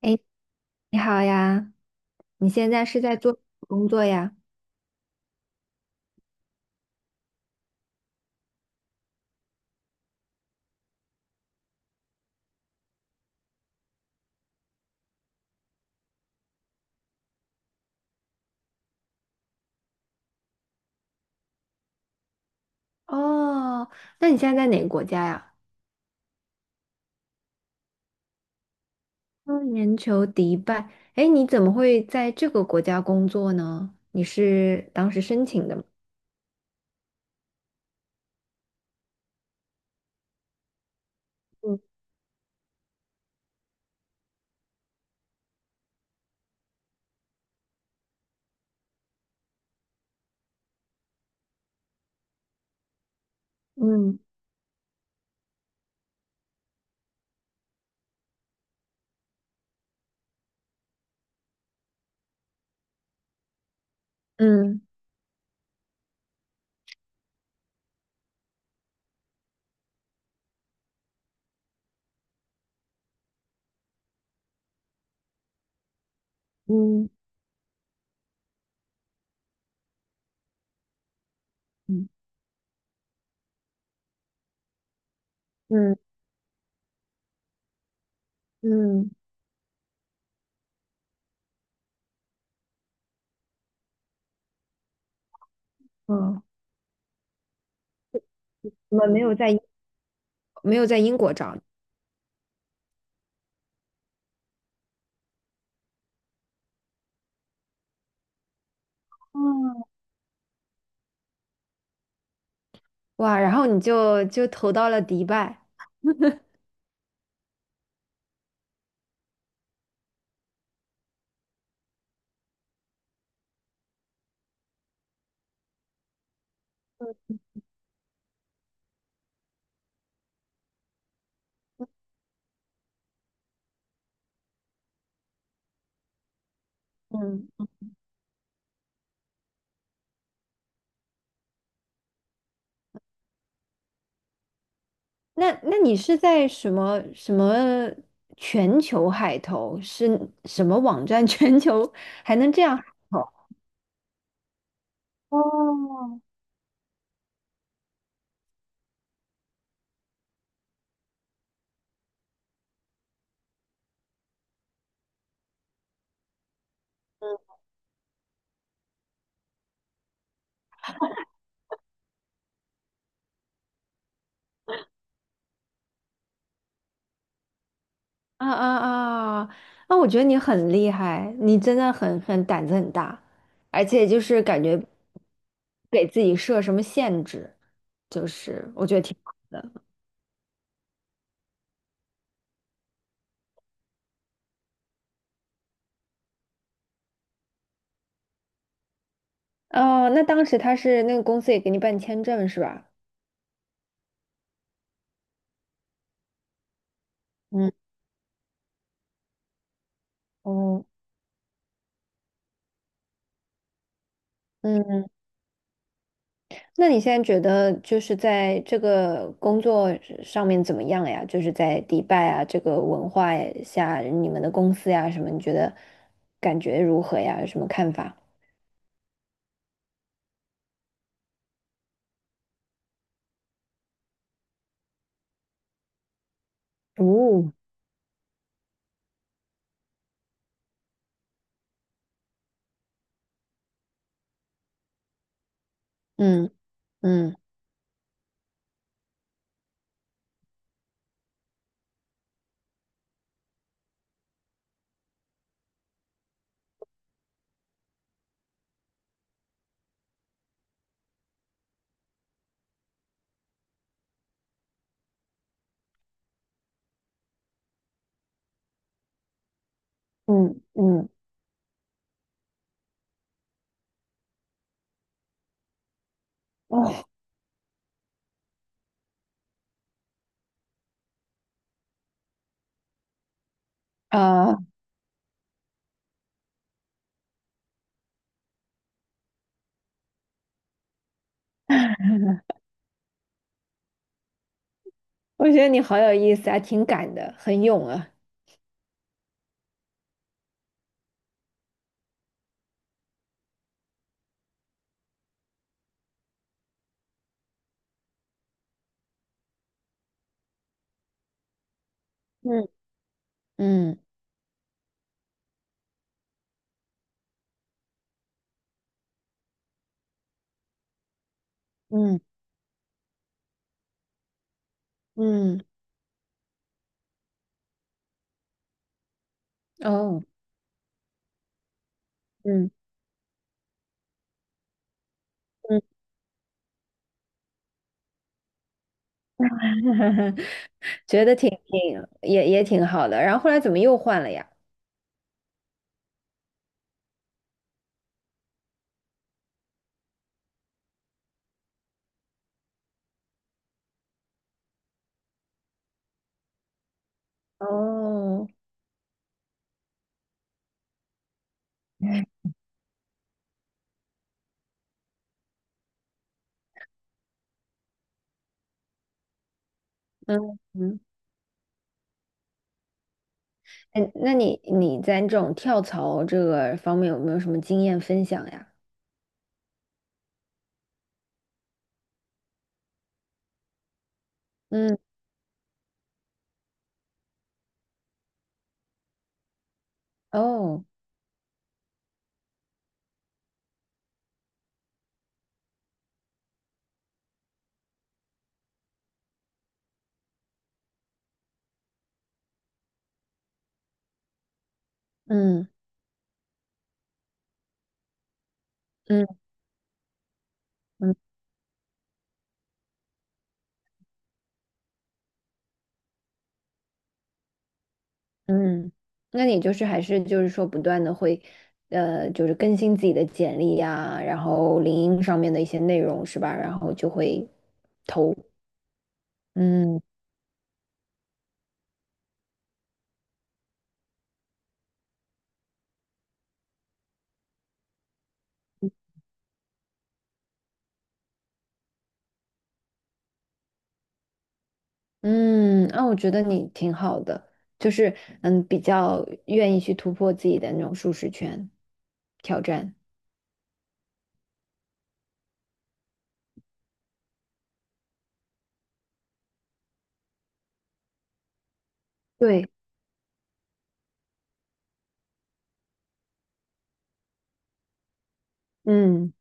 哎，你好呀，你现在是在做什么工作呀？哦，那你现在在哪个国家呀？嗯，全球迪拜。哎，你怎么会在这个国家工作呢？你是当时申请的吗？嗯嗯嗯嗯嗯嗯嗯，哦，我们没有在英国找你。哦，哇，然后你就投到了迪拜。嗯。那你是在什么全球海投是什么网站？全球还能这样海投？哦，啊啊啊！那我觉得你很厉害，你真的很胆子很大，而且就是感觉给自己设什么限制，就是我觉得挺好的。哦，那当时他是那个公司也给你办签证是吧？嗯哦，嗯那你现在觉得就是在这个工作上面怎么样呀？就是在迪拜啊这个文化下，你们的公司呀什么，你觉得感觉如何呀？有什么看法？哦，嗯嗯嗯嗯，哦，啊，我觉得你好有意思啊，挺敢的，很勇啊。嗯嗯嗯嗯哦嗯嗯，觉得挺也挺好的。然后后来怎么又换了呀？哦嗯嗯哎，那你在这种跳槽这个方面有没有什么经验分享呀？嗯，哦，嗯嗯嗯嗯，那你就是还是就是说不断的会，就是更新自己的简历呀，然后领英上面的一些内容是吧？然后就会投，嗯嗯，那我觉得你挺好的，就是嗯，比较愿意去突破自己的那种舒适圈，挑战，对，嗯。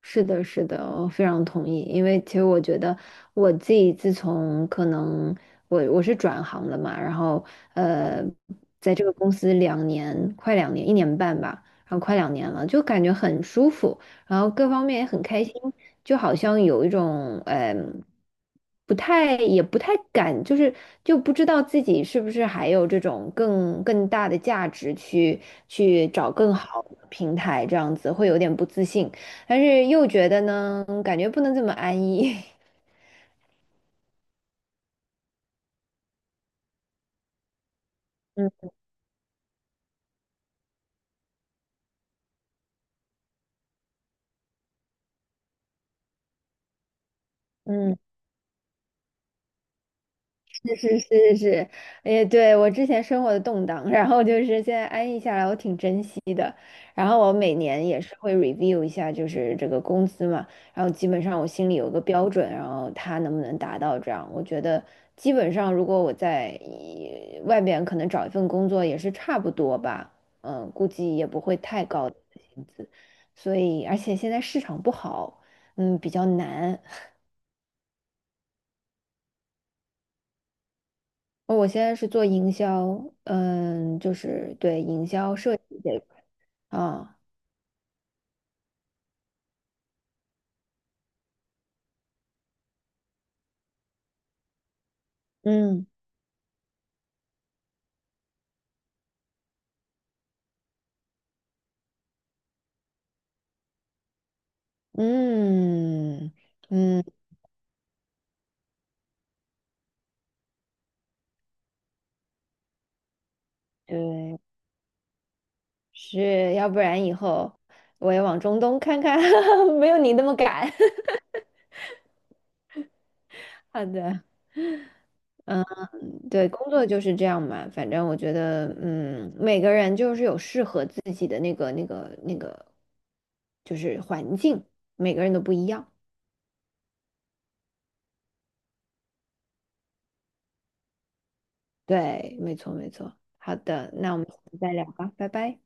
是的，是的，我非常同意。因为其实我觉得我自己自从可能我是转行了嘛，然后呃，在这个公司两年，快两年，1年半吧，然后快两年了，就感觉很舒服，然后各方面也很开心，就好像有一种嗯，不太也不太敢，就是就不知道自己是不是还有这种更大的价值去找更好的平台，这样子会有点不自信。但是又觉得呢，感觉不能这么安逸。嗯嗯，是是是是，哎，对，我之前生活的动荡，然后就是现在安逸下来，我挺珍惜的。然后我每年也是会 review 一下，就是这个工资嘛，然后基本上我心里有个标准，然后他能不能达到这样，我觉得基本上如果我在外边可能找一份工作也是差不多吧，嗯，估计也不会太高的薪资，所以而且现在市场不好，嗯，比较难。哦我现在是做营销，嗯，就是对营销设计这一块啊，嗯嗯嗯，对，是要不然以后我也往中东看看，没有你那么赶。好的，对，工作就是这样嘛，反正我觉得，嗯，每个人就是有适合自己的那个，就是环境，每个人都不一样。对，没错没错。好的，那我们下次再聊吧，拜拜。